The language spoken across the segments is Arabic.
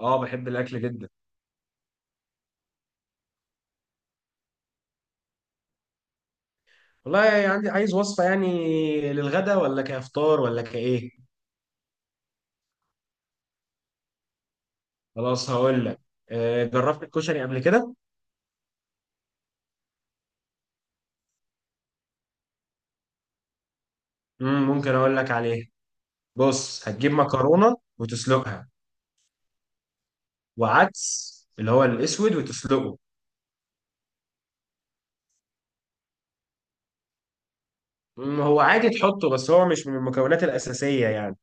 اه، بحب الاكل جدا. والله، يعني عندي عايز وصفه يعني للغدا ولا كافطار ولا كايه. خلاص، هقول لك. جربت الكشري قبل كده؟ ممكن اقول لك عليه. بص، هتجيب مكرونه وتسلقها، وعدس اللي هو الاسود وتسلقه. هو عادي تحطه، بس هو مش من المكونات الاساسيه يعني.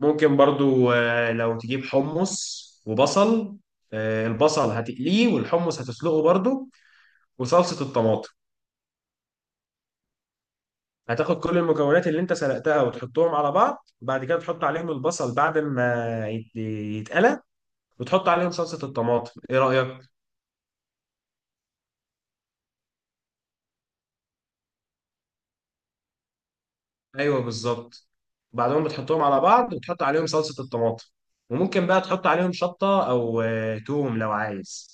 ممكن برضو، لو تجيب حمص وبصل. البصل هتقليه، والحمص هتسلقه برضو، وصلصه الطماطم. هتاخد كل المكونات اللي انت سلقتها وتحطهم على بعض، بعد كده تحط عليهم البصل بعد ما يتقلى، وتحط عليهم صلصة الطماطم. ايه رأيك؟ ايوه، بالظبط. بعدهم بتحطهم على بعض وتحط عليهم صلصة الطماطم. وممكن بقى تحط عليهم شطة او توم لو عايز.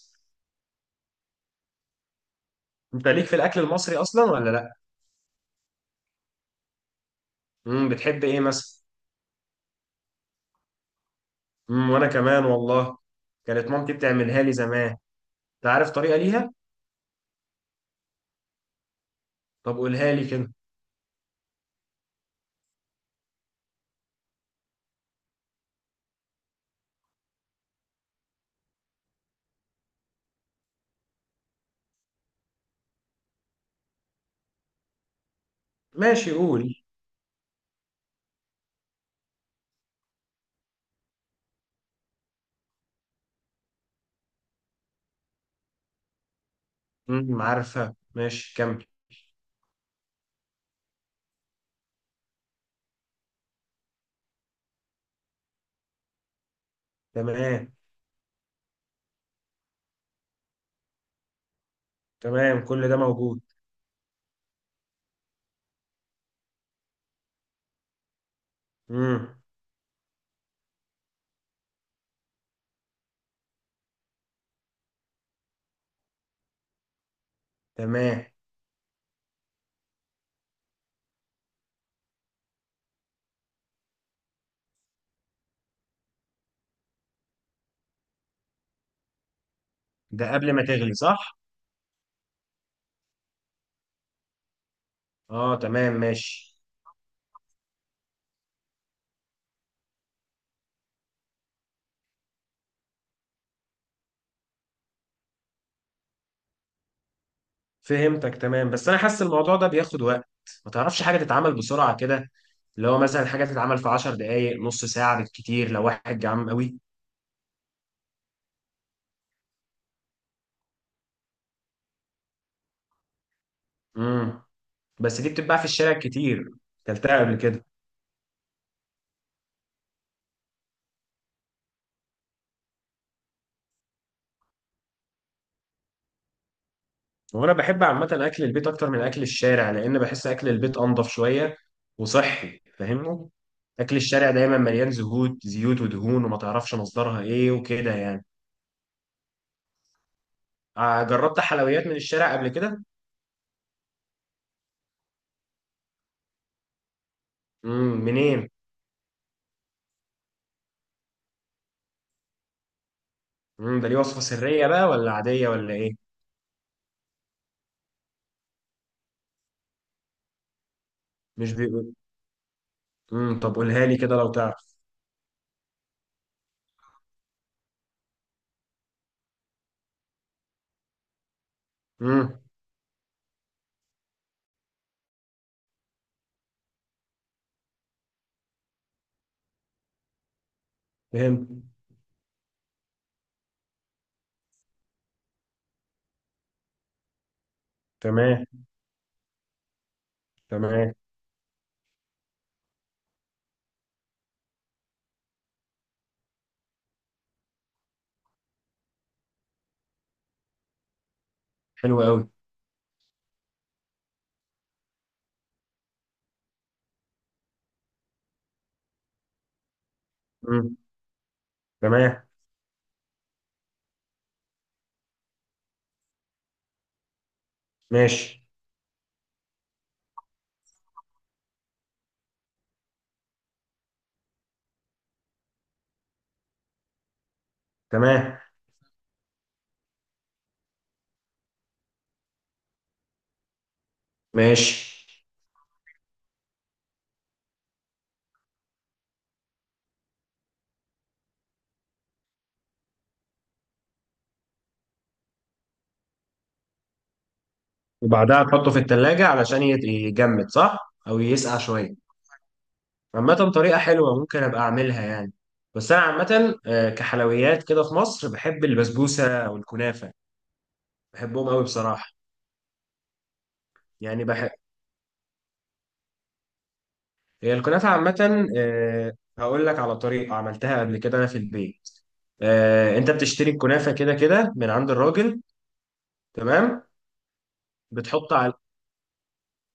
انت ليك في الاكل المصري اصلا ولا لا؟ بتحب ايه مثلا؟ وانا كمان والله. كانت مامتي بتعملها لي زمان. انت عارف طريقة ليها؟ طب قولها لي كده. ماشي، قول. عارفها، ماشي، كمل. تمام، تمام، كل ده موجود. امم. تمام. ده قبل ما تغلي، صح؟ اه، تمام، ماشي. فهمتك، تمام، بس انا حاسس الموضوع ده بياخد وقت. ما تعرفش حاجه تتعمل بسرعه كده؟ اللي هو مثلا حاجه تتعمل في 10 دقائق، نص ساعه بالكتير، لو واحد جعان قوي. امم. بس دي بتتباع في الشارع كتير، كلتها قبل كده. وانا بحب عامه اكل البيت اكتر من اكل الشارع، لان بحس اكل البيت انضف شويه وصحي، فاهمني. اكل الشارع دايما مليان زهود زيوت ودهون، وما تعرفش مصدرها ايه وكده يعني. جربت حلويات من الشارع قبل كده؟ منين؟ ده ليه وصفة سرية بقى ولا عادية ولا ايه؟ مش بيقول. طب قولها لي كده لو تعرف. امم فهمت. تمام، تمام. حلو قوي. امم تمام، ماشي. تمام، ماشي. وبعدها تحطه في التلاجة علشان يجمد، صح؟ او يسقع شوية. عامة، طريقة حلوة، ممكن ابقى اعملها يعني. بس انا عامة، كحلويات كده في مصر، بحب البسبوسة والكنافة. بحبهم قوي بصراحة. يعني هي الكنافة عامة، هقول لك على طريقة عملتها قبل كده أنا في البيت. أنت بتشتري الكنافة كده كده من عند الراجل. تمام. بتحط على.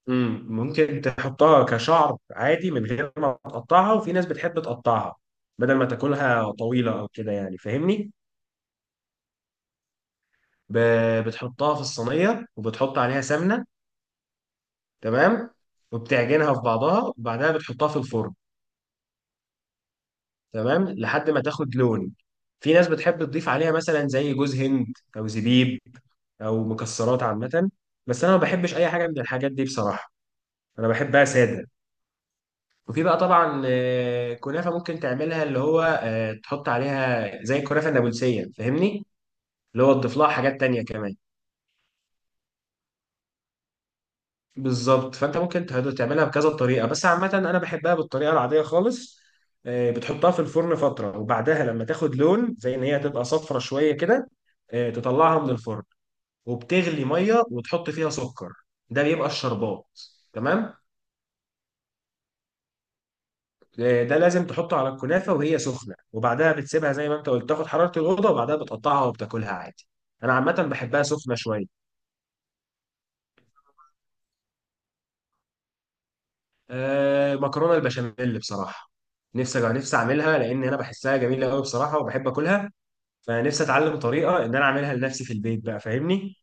ممكن تحطها كشعر عادي من غير ما تقطعها، وفي ناس بتحب تقطعها بدل ما تاكلها طويلة أو كده يعني، فاهمني. بتحطها في الصينية وبتحط عليها سمنة. تمام. وبتعجنها في بعضها، وبعدها بتحطها في الفرن. تمام، لحد ما تاخد لون. في ناس بتحب تضيف عليها مثلا زي جوز هند، او زبيب، او مكسرات عامه. بس انا ما بحبش اي حاجه من الحاجات دي بصراحه، انا بحبها ساده. وفي بقى طبعا كنافه ممكن تعملها، اللي هو تحط عليها زي الكنافه النابلسيه، فاهمني، اللي هو تضيف لها حاجات تانية كمان. بالظبط، فانت ممكن تعملها بكذا طريقه، بس عامه انا بحبها بالطريقه العاديه خالص. بتحطها في الفرن فتره، وبعدها لما تاخد لون، زي ان هي تبقى صفرة شويه كده، تطلعها من الفرن، وبتغلي ميه وتحط فيها سكر، ده بيبقى الشربات. تمام. ده لازم تحطه على الكنافه وهي سخنه، وبعدها بتسيبها زي ما انت قلت تاخد حراره الاوضه، وبعدها بتقطعها وبتاكلها عادي. انا عامه بحبها سخنه شويه. مكرونه البشاميل بصراحه، نفسي نفسي اعملها، لان انا بحسها جميله قوي بصراحه وبحب اكلها، فنفسي اتعلم طريقه ان انا اعملها لنفسي في البيت بقى، فاهمني.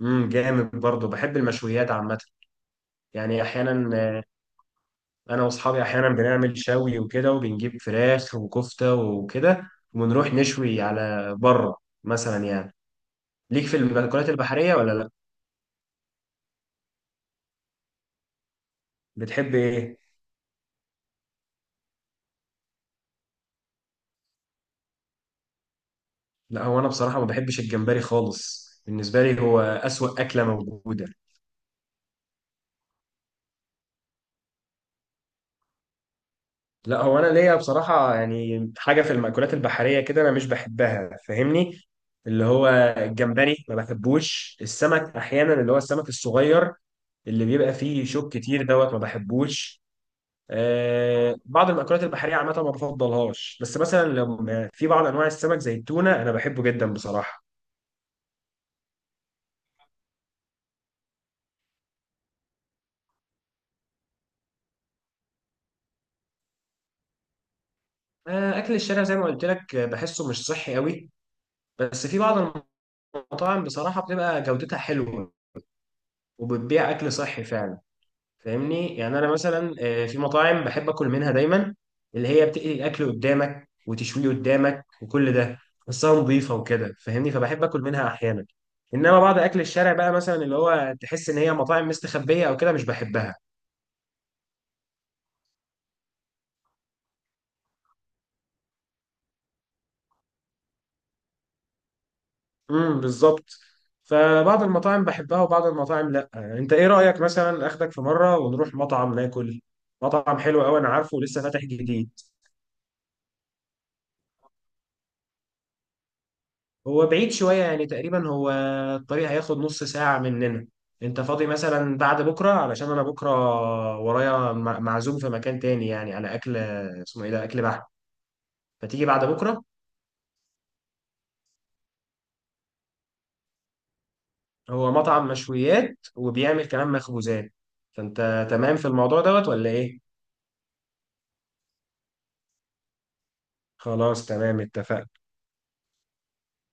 جامد برضه، بحب المشويات عامه. يعني احيانا، انا واصحابي احيانا بنعمل شوي وكده، وبنجيب فراخ وكفته وكده، ونروح نشوي على بره، مثلا يعني. ليك في المأكولات البحريه ولا لا؟ بتحب ايه؟ لا، هو انا بصراحه ما بحبش الجمبري خالص، بالنسبه لي هو اسوأ اكله موجوده. لا، هو انا ليا بصراحه يعني حاجه في المأكولات البحريه كده انا مش بحبها، فاهمني. اللي هو الجمبري ما بحبوش، السمك احيانا اللي هو السمك الصغير اللي بيبقى فيه شوك كتير دوت ما بحبوش. بعض المأكولات البحريه عامه ما بفضلهاش، بس مثلا لو في بعض انواع السمك زي التونه، انا بحبه جدا بصراحه. اكل الشارع زي ما قلت لك، بحسه مش صحي قوي، بس في بعض المطاعم بصراحه بتبقى جودتها حلوه، وبتبيع اكل صحي فعلا، فاهمني. يعني انا مثلا في مطاعم بحب اكل منها دايما، اللي هي بتقلي الاكل قدامك وتشويه قدامك وكل ده، بس هي نظيفه وكده، فاهمني، فبحب اكل منها احيانا. انما بعض اكل الشارع بقى مثلا، اللي هو تحس ان هي مطاعم مستخبيه او كده، مش بحبها. بالظبط. فبعض المطاعم بحبها وبعض المطاعم لا. انت ايه رايك مثلا اخدك في مره ونروح مطعم ناكل؟ مطعم حلو قوي انا عارفه، ولسه فاتح جديد. هو بعيد شوية يعني، تقريبا هو الطريق هياخد نص ساعة مننا. انت فاضي مثلا بعد بكرة؟ علشان انا بكرة ورايا معزوم في مكان تاني، يعني على اكل، اسمه ايه ده، اكل بحر، فتيجي بعد بكرة. هو مطعم مشويات وبيعمل كمان مخبوزات، فانت تمام في الموضوع دوت ولا ايه؟ خلاص، تمام، اتفقنا.